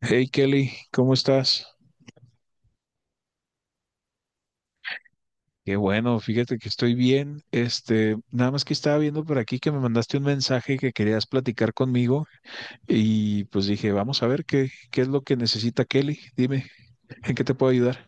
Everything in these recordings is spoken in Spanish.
Hey Kelly, ¿cómo estás? Qué bueno, fíjate que estoy bien. Nada más que estaba viendo por aquí que me mandaste un mensaje que querías platicar conmigo y pues dije, vamos a ver qué es lo que necesita Kelly. Dime, ¿en qué te puedo ayudar?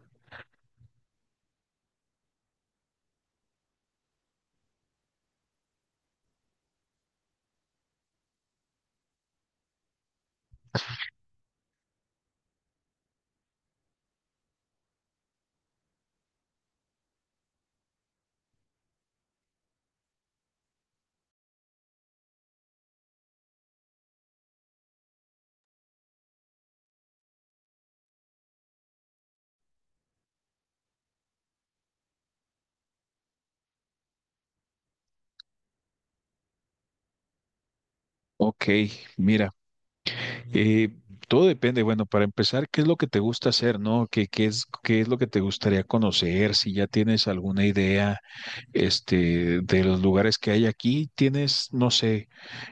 Ok, mira, eh, todo depende. Bueno, para empezar, ¿qué es lo que te gusta hacer, no? ¿Qué es lo que te gustaría conocer? Si ya tienes alguna idea, de los lugares que hay aquí, tienes, no sé.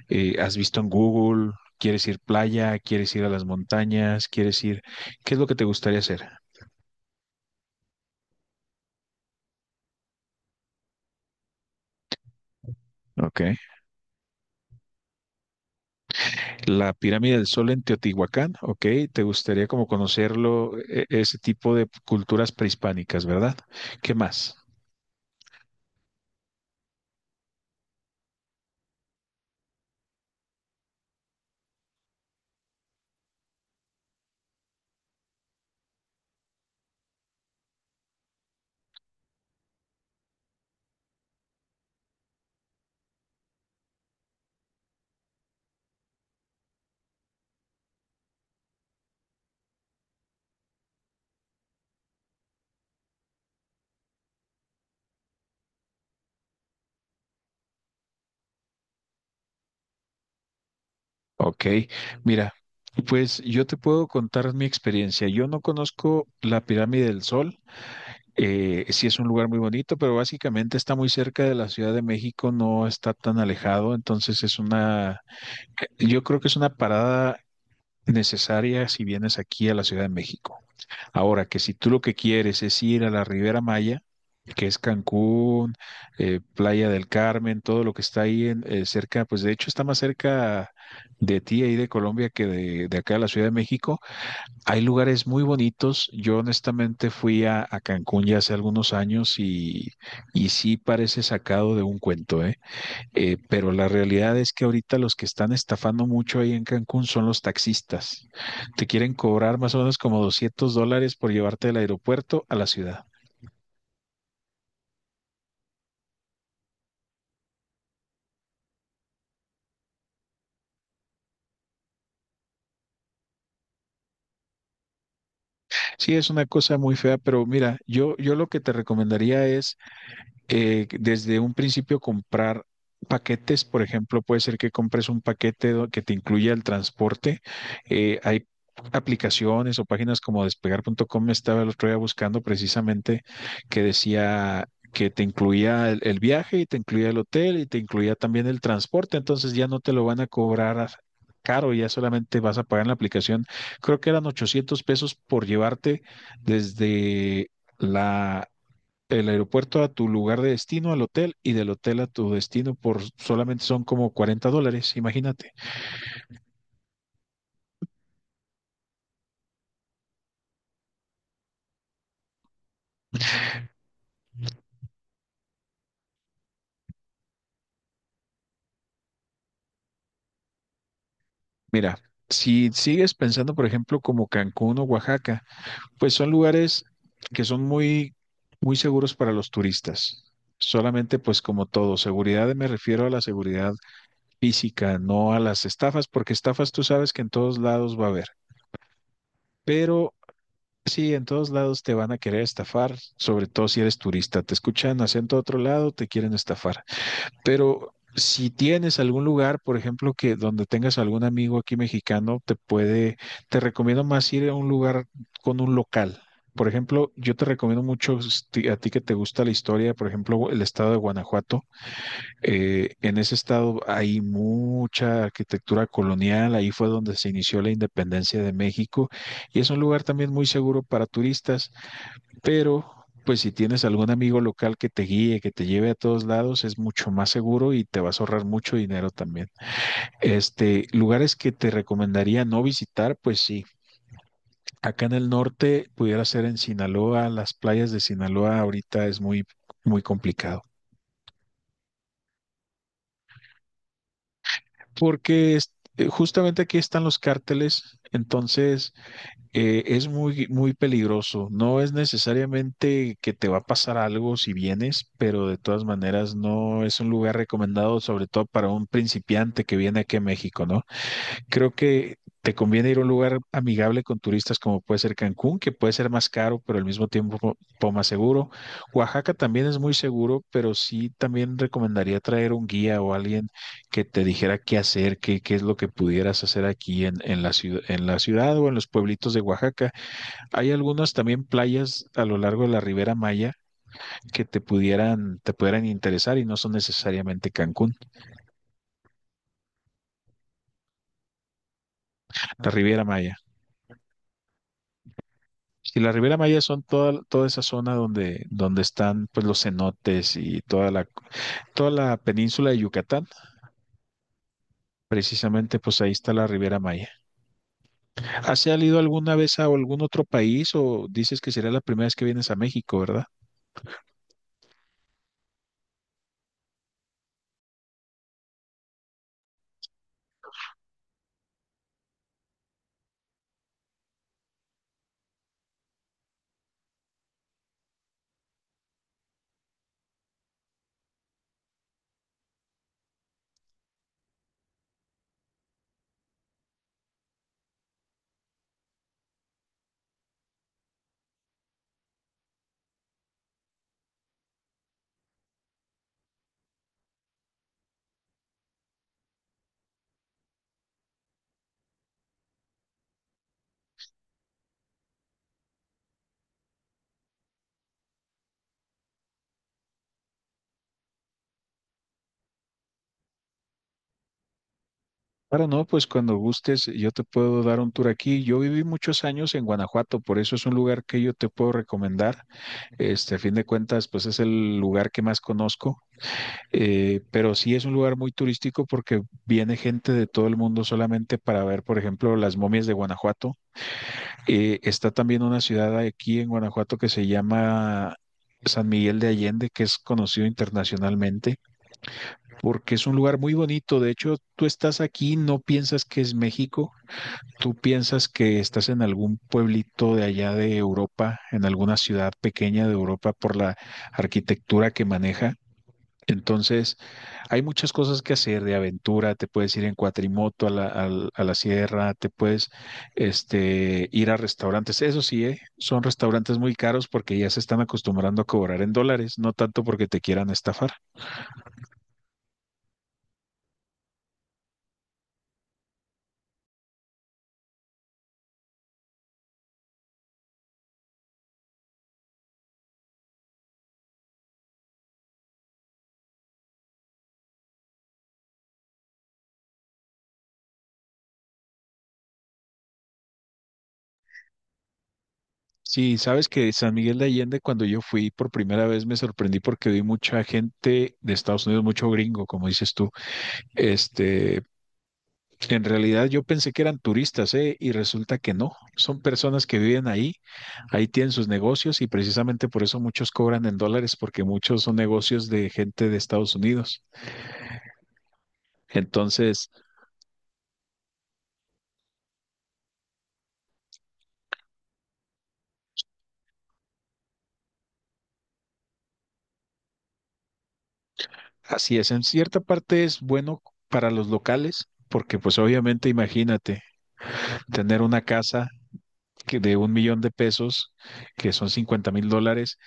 ¿Has visto en Google, quieres ir playa, quieres ir a las montañas, quieres ir, qué es lo que te gustaría hacer? Ok. La pirámide del Sol en Teotihuacán, ok. Te gustaría como conocerlo, ese tipo de culturas prehispánicas, ¿verdad? ¿Qué más? Ok, mira, pues yo te puedo contar mi experiencia. Yo no conozco la pirámide del Sol. Sí es un lugar muy bonito, pero básicamente está muy cerca de la Ciudad de México, no está tan alejado, entonces yo creo que es una parada necesaria si vienes aquí a la Ciudad de México. Ahora, que si tú lo que quieres es ir a la Riviera Maya, que es Cancún, Playa del Carmen, todo lo que está ahí en, cerca, pues de hecho está más cerca de ti ahí de Colombia que de acá de la Ciudad de México, hay lugares muy bonitos. Yo honestamente fui a Cancún ya hace algunos años y sí parece sacado de un cuento, ¿eh? Pero la realidad es que ahorita los que están estafando mucho ahí en Cancún son los taxistas. Te quieren cobrar más o menos como $200 por llevarte del aeropuerto a la ciudad. Sí, es una cosa muy fea, pero mira, yo lo que te recomendaría es desde un principio comprar paquetes, por ejemplo, puede ser que compres un paquete que te incluya el transporte. Hay aplicaciones o páginas como despegar.com, estaba el otro día buscando precisamente que decía que te incluía el viaje y te incluía el hotel y te incluía también el transporte, entonces ya no te lo van a cobrar caro, ya solamente vas a pagar en la aplicación. Creo que eran 800 pesos por llevarte desde la el aeropuerto a tu lugar de destino, al hotel, y del hotel a tu destino por solamente son como $40, imagínate. Mira, si sigues pensando, por ejemplo, como Cancún o Oaxaca, pues son lugares que son muy, muy seguros para los turistas. Solamente, pues como todo, seguridad me refiero a la seguridad física, no a las estafas, porque estafas tú sabes que en todos lados va a haber. Pero sí, en todos lados te van a querer estafar, sobre todo si eres turista. Te escuchan acento de otro lado, te quieren estafar. Pero si tienes algún lugar, por ejemplo, que donde tengas algún amigo aquí mexicano, te recomiendo más ir a un lugar con un local. Por ejemplo, yo te recomiendo mucho a ti que te gusta la historia, por ejemplo, el estado de Guanajuato. En ese estado hay mucha arquitectura colonial, ahí fue donde se inició la independencia de México y es un lugar también muy seguro para turistas, pero pues si tienes algún amigo local que te guíe, que te lleve a todos lados, es mucho más seguro y te vas a ahorrar mucho dinero también. Lugares que te recomendaría no visitar, pues sí. Acá en el norte pudiera ser en Sinaloa, las playas de Sinaloa ahorita es muy, muy complicado, porque justamente aquí están los cárteles, entonces es muy, muy peligroso. No es necesariamente que te va a pasar algo si vienes, pero de todas maneras no es un lugar recomendado, sobre todo para un principiante que viene aquí a México, ¿no? Creo que te conviene ir a un lugar amigable con turistas como puede ser Cancún, que puede ser más caro, pero al mismo tiempo un poco más seguro. Oaxaca también es muy seguro, pero sí también recomendaría traer un guía o alguien que te dijera qué hacer, qué es lo que pudieras hacer aquí en la ciudad, en la ciudad o en los pueblitos de Oaxaca. Hay algunas también playas a lo largo de la Riviera Maya que te pudieran interesar y no son necesariamente Cancún, la Riviera Maya. Si la Riviera Maya son toda esa zona donde están pues los cenotes y toda la península de Yucatán, precisamente pues ahí está la Riviera Maya. ¿Has salido alguna vez a algún otro país o dices que será la primera vez que vienes a México, verdad? Claro, no, pues cuando gustes yo te puedo dar un tour aquí. Yo viví muchos años en Guanajuato, por eso es un lugar que yo te puedo recomendar. A fin de cuentas, pues es el lugar que más conozco. Pero sí es un lugar muy turístico porque viene gente de todo el mundo solamente para ver, por ejemplo, las momias de Guanajuato. Está también una ciudad aquí en Guanajuato que se llama San Miguel de Allende, que es conocido internacionalmente porque es un lugar muy bonito. De hecho, tú estás aquí, no piensas que es México. Tú piensas que estás en algún pueblito de allá de Europa, en alguna ciudad pequeña de Europa por la arquitectura que maneja, entonces hay muchas cosas que hacer de aventura, te puedes ir en cuatrimoto a a la sierra, te puedes ir a restaurantes, eso sí, ¿eh? Son restaurantes muy caros porque ya se están acostumbrando a cobrar en dólares, no tanto porque te quieran estafar. Sí, sabes que San Miguel de Allende, cuando yo fui por primera vez, me sorprendí porque vi mucha gente de Estados Unidos, mucho gringo, como dices tú, este, en realidad yo pensé que eran turistas, ¿eh? Y resulta que no. Son personas que viven ahí, ahí tienen sus negocios y precisamente por eso muchos cobran en dólares, porque muchos son negocios de gente de Estados Unidos. Entonces, así es, en cierta parte es bueno para los locales, porque pues obviamente imagínate tener una casa que de 1 millón de pesos, que son $50,000,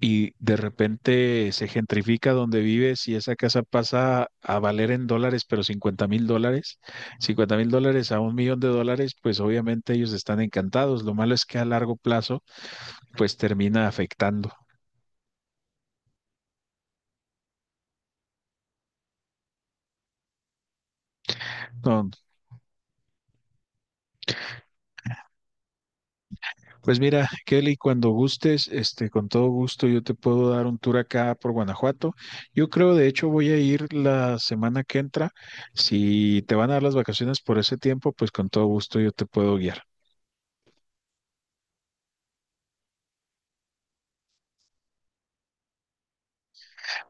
y de repente se gentrifica donde vives y esa casa pasa a valer en dólares, pero 50 mil dólares, 50 mil dólares a 1 millón de dólares, pues obviamente ellos están encantados. Lo malo es que a largo plazo, pues termina afectando. No, pues mira, Kelly, cuando gustes, con todo gusto yo te puedo dar un tour acá por Guanajuato. Yo creo, de hecho, voy a ir la semana que entra. Si te van a dar las vacaciones por ese tiempo, pues con todo gusto yo te puedo guiar.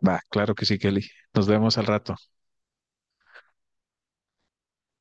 Va, claro que sí, Kelly. Nos vemos al rato.